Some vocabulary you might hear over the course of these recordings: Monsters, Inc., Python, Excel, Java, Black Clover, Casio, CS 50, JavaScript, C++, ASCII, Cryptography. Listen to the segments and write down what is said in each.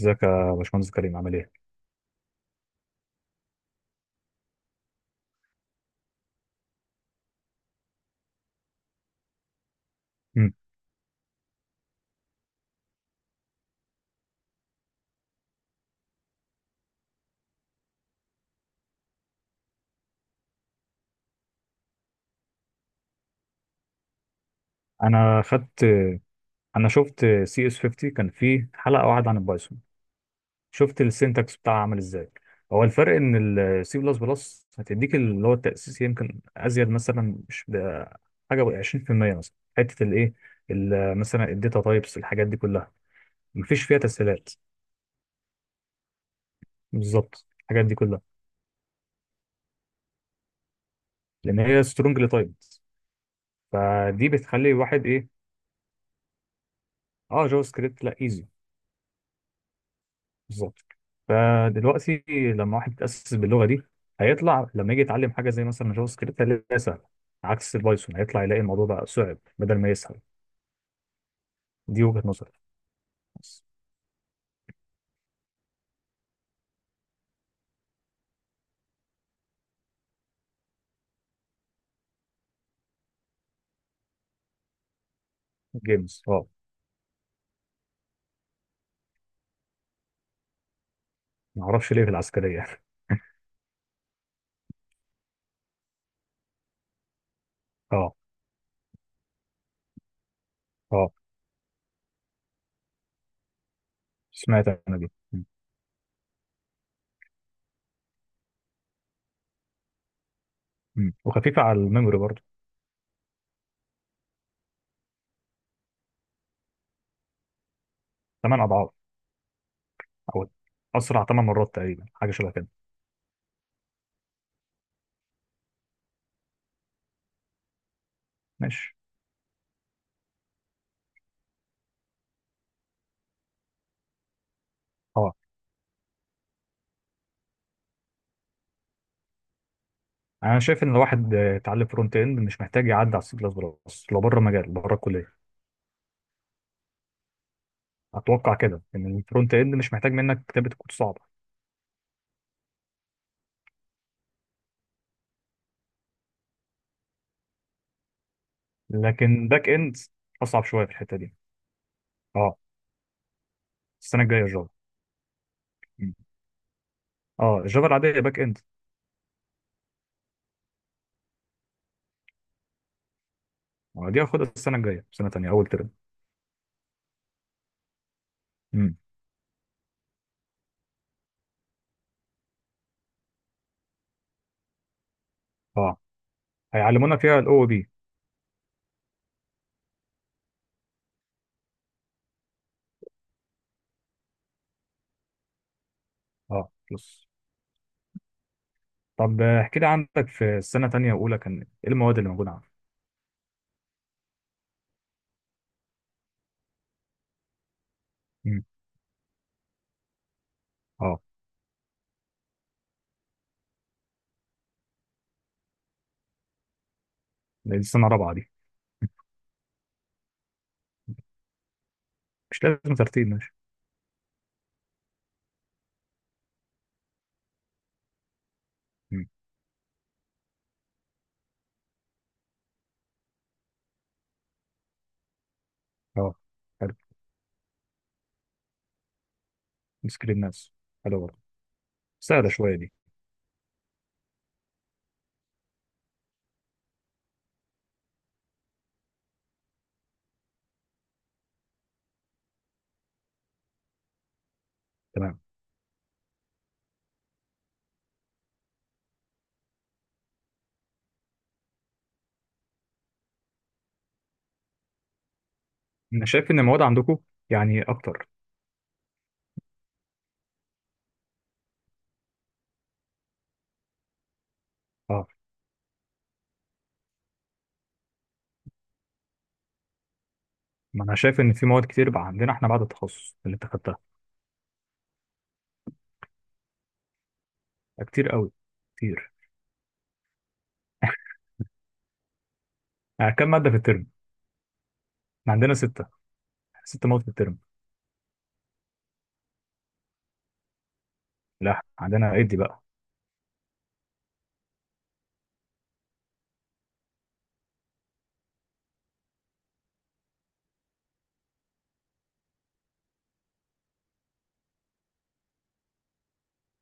ازيك يا باشمهندس كريم، عامل ايه؟ مم. انا خدت انا شفت سي اس 50، كان فيه حلقه واحده عن البايثون. شفت السينتاكس بتاعها عامل ازاي. هو الفرق ان السي بلس بلس هتديك اللي هو التاسيس، يمكن ازيد مثلا، مش ب- حاجه 20% مثلا، حته الايه، مثلا الداتا تايبس، الحاجات دي كلها مفيش فيها تسهيلات. بالظبط، الحاجات دي كلها، لان هي سترونجلي تايبد. فدي بتخلي الواحد ايه، اه، جافا سكريبت لا، ايزي. بالظبط. فدلوقتي لما واحد يتأسس باللغة دي، هيطلع لما يجي يتعلم حاجة زي مثلا جافا سكريبت هيلاقيها سهلة. عكس البايثون، هيطلع يلاقي الموضوع بقى صعب بدل ما يسهل. دي وجهة نظري بس. جيمز، اه. ما اعرفش ليه في العسكرية اه. اه. سمعت انا دي م. م. وخفيفة على الميموري برضه. ثمان اضعاف، او اسرع ثمان مرات تقريبا، حاجة شبه كده. ماشي. اه، انا شايف ان الواحد، يتعلم فرونت اند مش محتاج يعدي على السي بلس بلس، لو بره مجال بره الكلية. اتوقع كده ان الفرونت اند مش محتاج منك كتابه كود صعبه. لكن باك اند اصعب شويه في الحته دي. اه. السنه الجايه جافا. مم. اه، الجافا العاديه باك اند. دي هاخدها السنه الجايه، سنه تانيه اول ترم. مم. اه، هيعلمونا فيها الاو بي. اه بلس. طب، احكي لي، عندك في السنه تانيه واولى كان ايه المواد اللي موجوده عندك؟ مم. اه. دي السنه الرابعه دي؟ مش لازم ترتيب، ماشي. مم. اه. حلو. سكرين ناس. حلو برضه. سهله شويه دي. تمام. انا شايف ان المواد عندكم يعني اكتر. اه، ما انا شايف ان في مواد كتير بقى عندنا احنا بعد التخصص اللي انت خدتها. كتير قوي. كتير. يعني كم ماده في الترم؟ احنا عندنا سته. ست مواد في الترم. لا، عندنا ايدي بقى.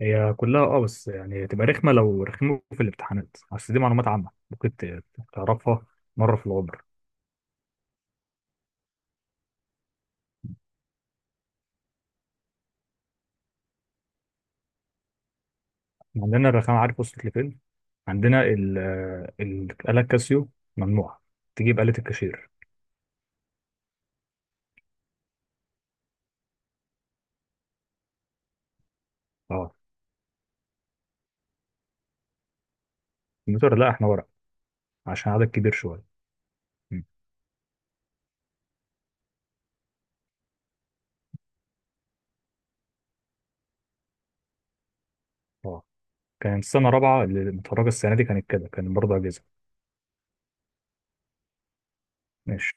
هي كلها اه، بس يعني تبقى رخمه لو رخموا في الامتحانات، اصل دي معلومات عامه ممكن تعرفها. مره في العمر. عندنا الرخامه عارف وصلت لفين؟ عندنا الآلة الكاسيو ممنوعة، تجيب آلة الكاشير. اه. الكمبيوتر لا، احنا ورق. عشان عدد كبير شوية. مم. اه، كانت سنة رابعة اللي متخرجة السنة دي كانت كده، كان برضه أجهزة. ماشي.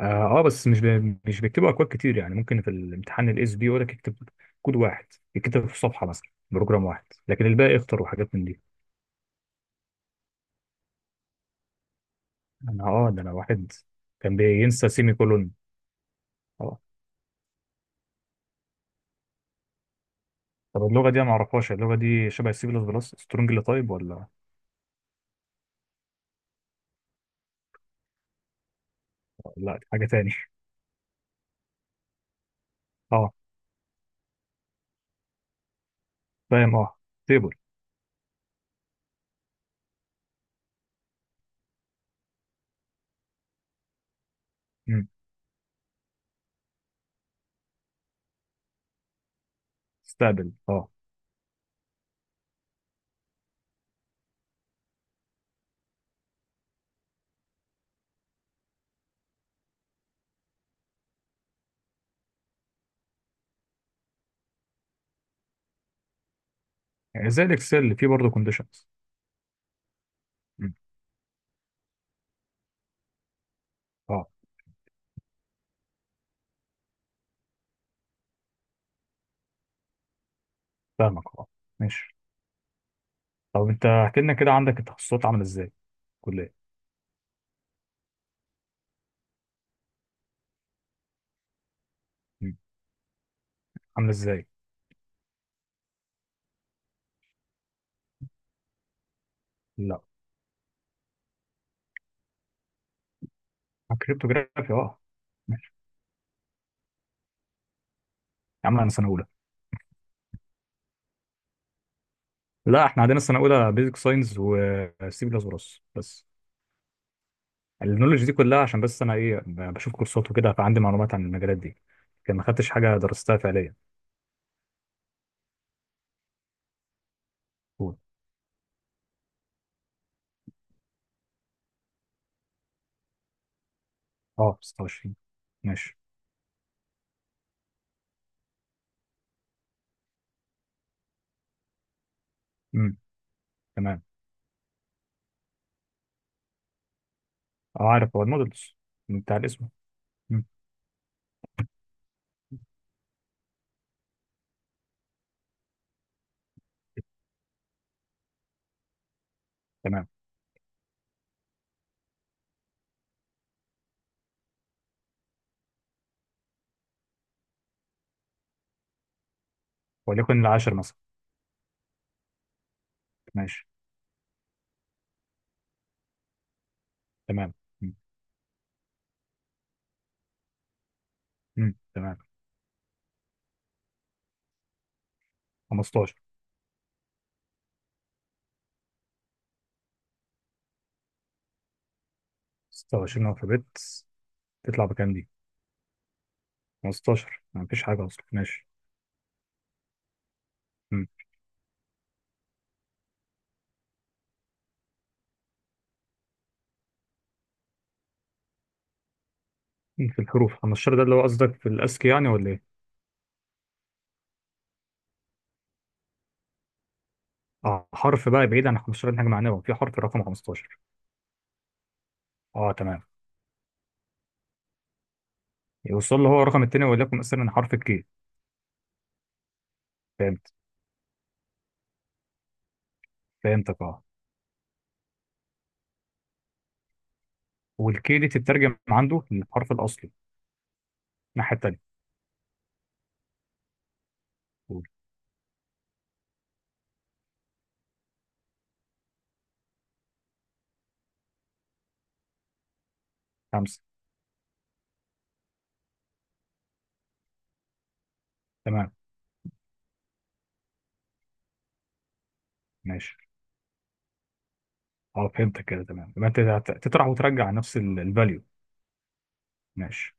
اه، بس مش بيكتبوا اكواد كتير. يعني ممكن في الامتحان الاس بي يقول لك اكتب كود واحد، يكتب في صفحه مثلا بروجرام واحد، لكن الباقي اختر وحاجات من دي. انا اه، ده انا واحد. كان بينسى سيمي كولون. اه. طب اللغه دي انا ما اعرفهاش، اللغه دي شبه السي بلس بلس سترونج اللي طيب، ولا؟ لا، دي حاجه تاني اه. فاهم اه. تيبل. استقبل اه. يعني زي الاكسل اللي فيه برضه كونديشنز؟ اه. فاهمك اه. ماشي. طب انت احكي لنا كده، عندك التخصصات عامله ازاي؟ كليه. مم. عامله ازاي؟ لا. كريبتوجرافي اه. ماشي. يا عم انا سنه اولى. لا احنا عندنا سنه اولى بيزك ساينس وسي بلس بلس بس. النولج دي كلها عشان بس انا ايه، بشوف كورسات وكده، فعندي معلومات عن المجالات دي، لكن ما خدتش حاجه درستها فعليا. قول. اه، 26. ماشي. امم. تمام. اه عارف، هو المودلز بتاع الاسم. امم. تمام. وليكن العاشر مثلا. ماشي. تمام. امم. تمام. 15. 26 الفابت، تطلع بكام دي؟ 15، ما فيش حاجه اصلا. ماشي. في الحروف 15 ده، اللي هو قصدك في الأسكي يعني ولا إيه؟ آه، حرف بقى، بعيد عن 15 دي، حاجة معنوية، في حرف رقم 15. أه تمام. يوصل له هو الرقم التاني، وليكن مثلا حرف الكي. فهمت. فهمتك أه. والكي دي تترجم عنده للحرف الأصلي الناحية التانية. قول. خمسة. تمام. ماشي. أه فهمتك كده، تمام. يبقى أنت تطرح وترجع نفس الفاليو. ماشي.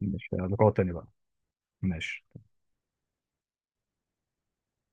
ماشي، لقاء تاني بقى. ماشي.